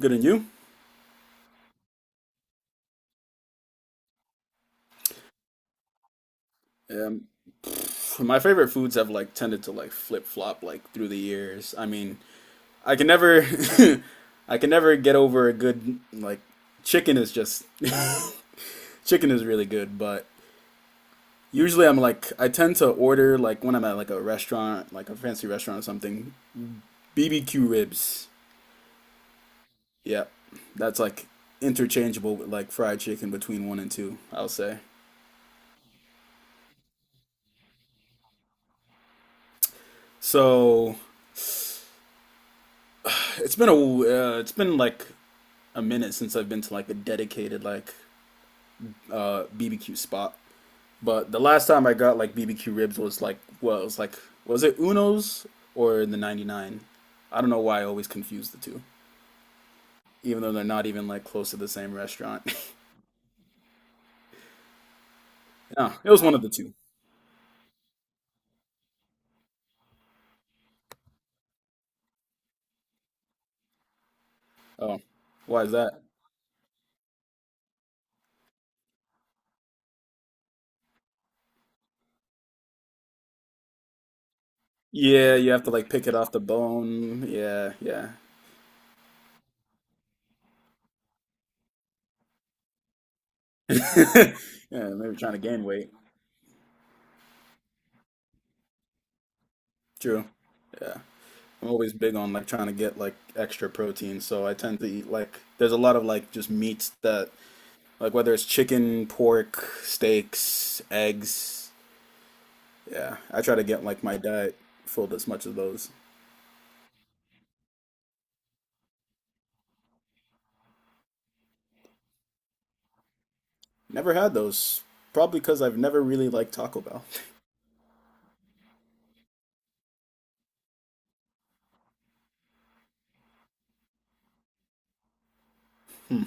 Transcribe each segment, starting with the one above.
Good and you? Um, my favorite foods have like tended to like flip flop like through the years. I mean, I can never, I can never get over a good like chicken is just chicken is really good, but usually I'm like I tend to order like when I'm at like a restaurant, like a fancy restaurant or something, BBQ ribs. Yeah, that's like interchangeable with like fried chicken between one and two. I'll say. So it's been like a minute since I've been to like a dedicated like BBQ spot. But the last time I got like BBQ ribs was like well, it was like was it Uno's or the 99? I don't know why I always confuse the two, even though they're not even like close to the same restaurant. No, it was one of the two. Oh, why is that? Yeah, you have to like pick it off the bone. Yeah, yeah. Yeah, maybe trying to gain weight. True. Yeah. I'm always big on like trying to get like extra protein, so I tend to eat like there's a lot of like just meats that like whether it's chicken, pork, steaks, eggs. Yeah, I try to get like my diet filled as much of those. Never had those, probably because I've never really liked Taco Bell. Hmm.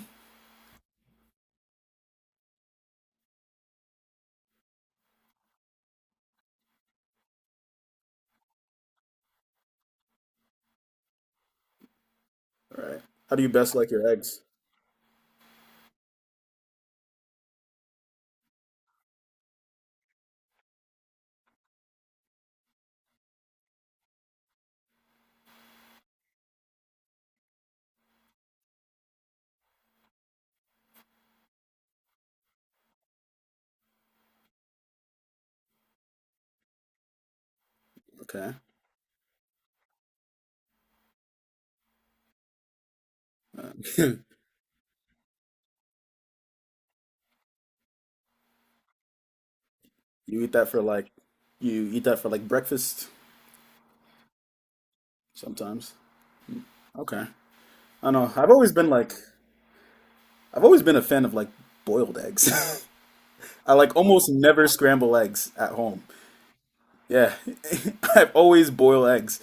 All right. How do you best like your eggs? Okay. You eat that for like you eat that for like breakfast sometimes. Okay. I don't know. I've always been a fan of like boiled eggs. I like almost never scramble eggs at home. Yeah, I always boil eggs.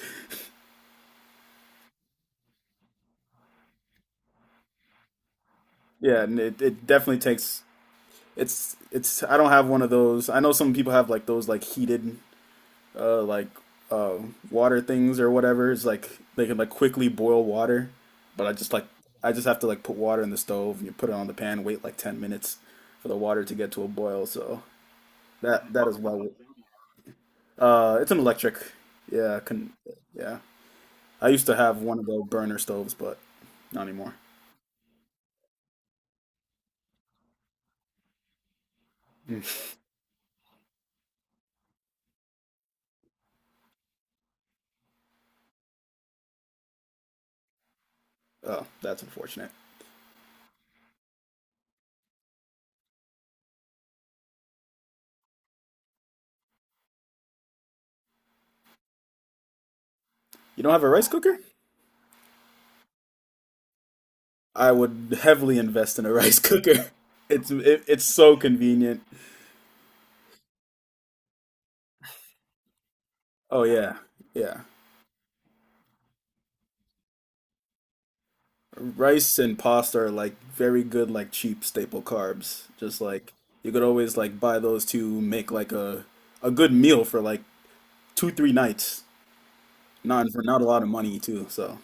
Yeah, and it definitely takes it's I don't have one of those. I know some people have like those like heated like uh water things or whatever. It's like they can like quickly boil water, but I just have to like put water in the stove and you put it on the pan, wait like 10 minutes for the water to get to a boil. So that is well it's an electric. Yeah, can yeah. I used to have one of those burner stoves, but not anymore. Mm. Oh, that's unfortunate. You don't have a rice cooker? I would heavily invest in a rice cooker. It's so convenient. Oh yeah, yeah. Rice and pasta are like very good, like cheap staple carbs. Just like you could always like buy those to make like a good meal for like two three nights. Not a lot of money too. So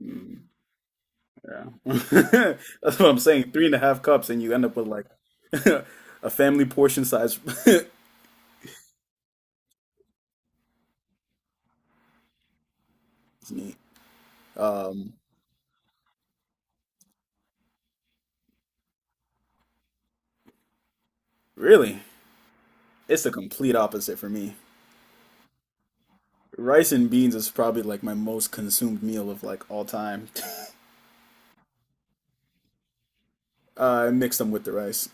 mm, yeah, that's what I'm saying. 3.5 cups, and you end up with like a family portion size. It's neat. Um, Really? It's the complete opposite for me. Rice and beans is probably like my most consumed meal of like all time. I mix them with the rice.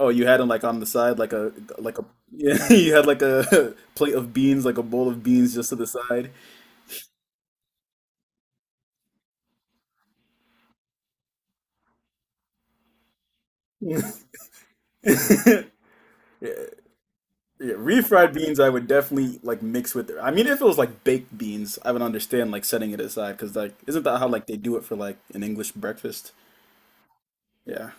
Oh, you had them like on the side, like a yeah. You had like a plate of beans, like a bowl of beans, just to the side. Yeah, refried beans, I would definitely like mix with. I mean, if it was like baked beans, I would understand like setting it aside because like isn't that how like they do it for like an English breakfast? Yeah.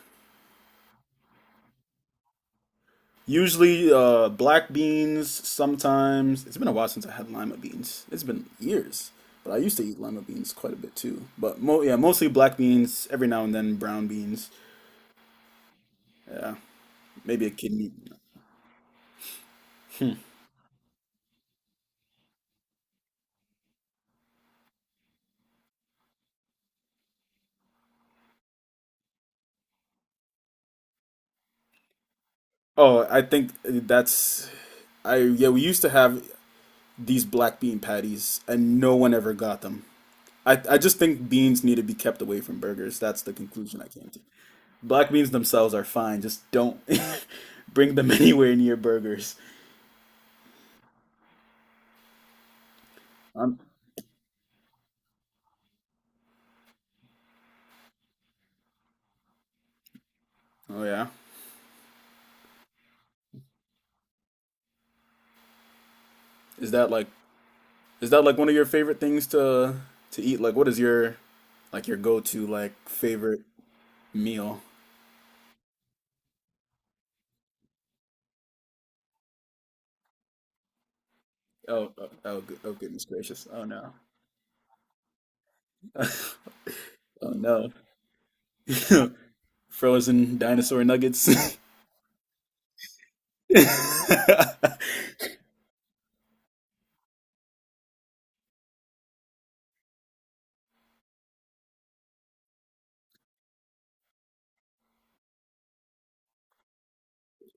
Usually black beans. Sometimes it's been a while since I had lima beans. It's been years, but I used to eat lima beans quite a bit too. But mo yeah, mostly black beans. Every now and then brown beans. Maybe a kidney. Oh, I think that's I yeah. We used to have these black bean patties, and no one ever got them. I just think beans need to be kept away from burgers. That's the conclusion I came to. Black beans themselves are fine. Just don't bring them anywhere near burgers. Um, oh yeah. Is that like is that like one of your favorite things to eat? Like what is your like your go-to like favorite meal? Oh, oh, oh, oh goodness gracious. Oh no. Oh no. Frozen dinosaur nuggets.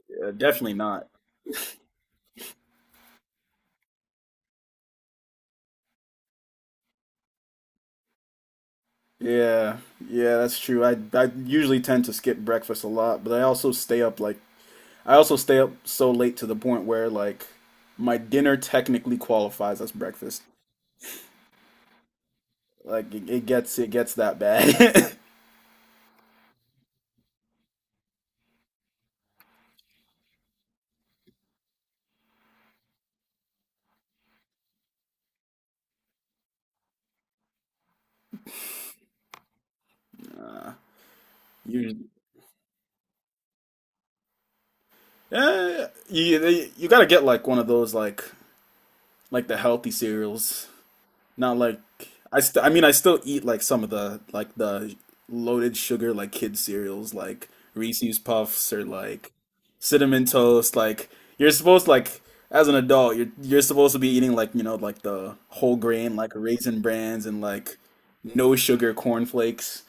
Yeah, definitely not. Yeah, yeah, that's true. I usually tend to skip breakfast a lot, but I also stay up like I also stay up so late to the point where like my dinner technically qualifies as breakfast. Like it gets that bad. You, yeah, you gotta get like one of those like the healthy cereals. Not like I mean I still eat like some of the loaded sugar like kid cereals like Reese's Puffs or like cinnamon toast. Like you're supposed like as an adult you're supposed to be eating like like the whole grain like Raisin Brans and like no sugar cornflakes.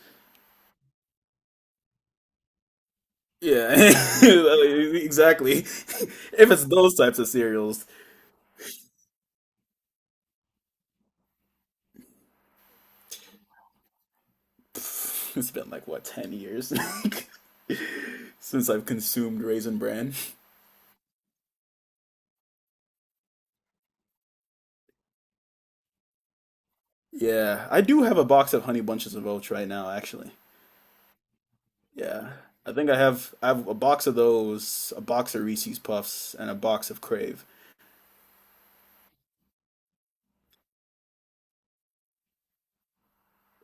Yeah, exactly. If it's those types of cereals, it's been like what, 10 years since I've consumed Raisin Bran. Yeah, I do have a box of Honey Bunches of Oats right now, actually. Yeah, I think I have a box of those, a box of Reese's Puffs, and a box of Crave.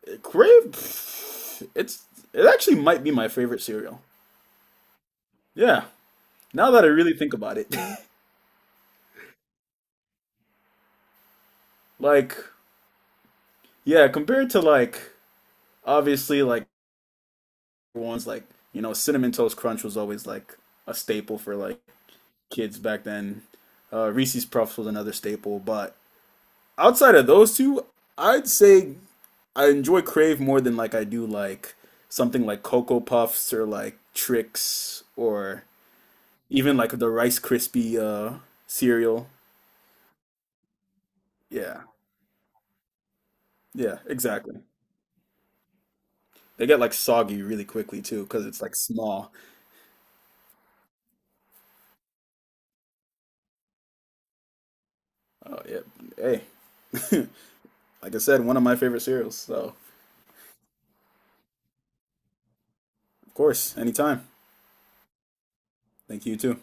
Crave, it actually might be my favorite cereal. Yeah, now that I really think about it, like yeah, compared to like obviously like ones like cinnamon toast crunch was always like a staple for like kids back then. Reese's Puffs was another staple, but outside of those two, I'd say I enjoy Crave more than like I do like something like Cocoa Puffs or like Trix or even like the Rice Krispie cereal. Yeah, yeah, exactly. They get like soggy really quickly too because it's like small. Yeah, hey, like I said, one of my favorite cereals. So of course, anytime. Thank you too.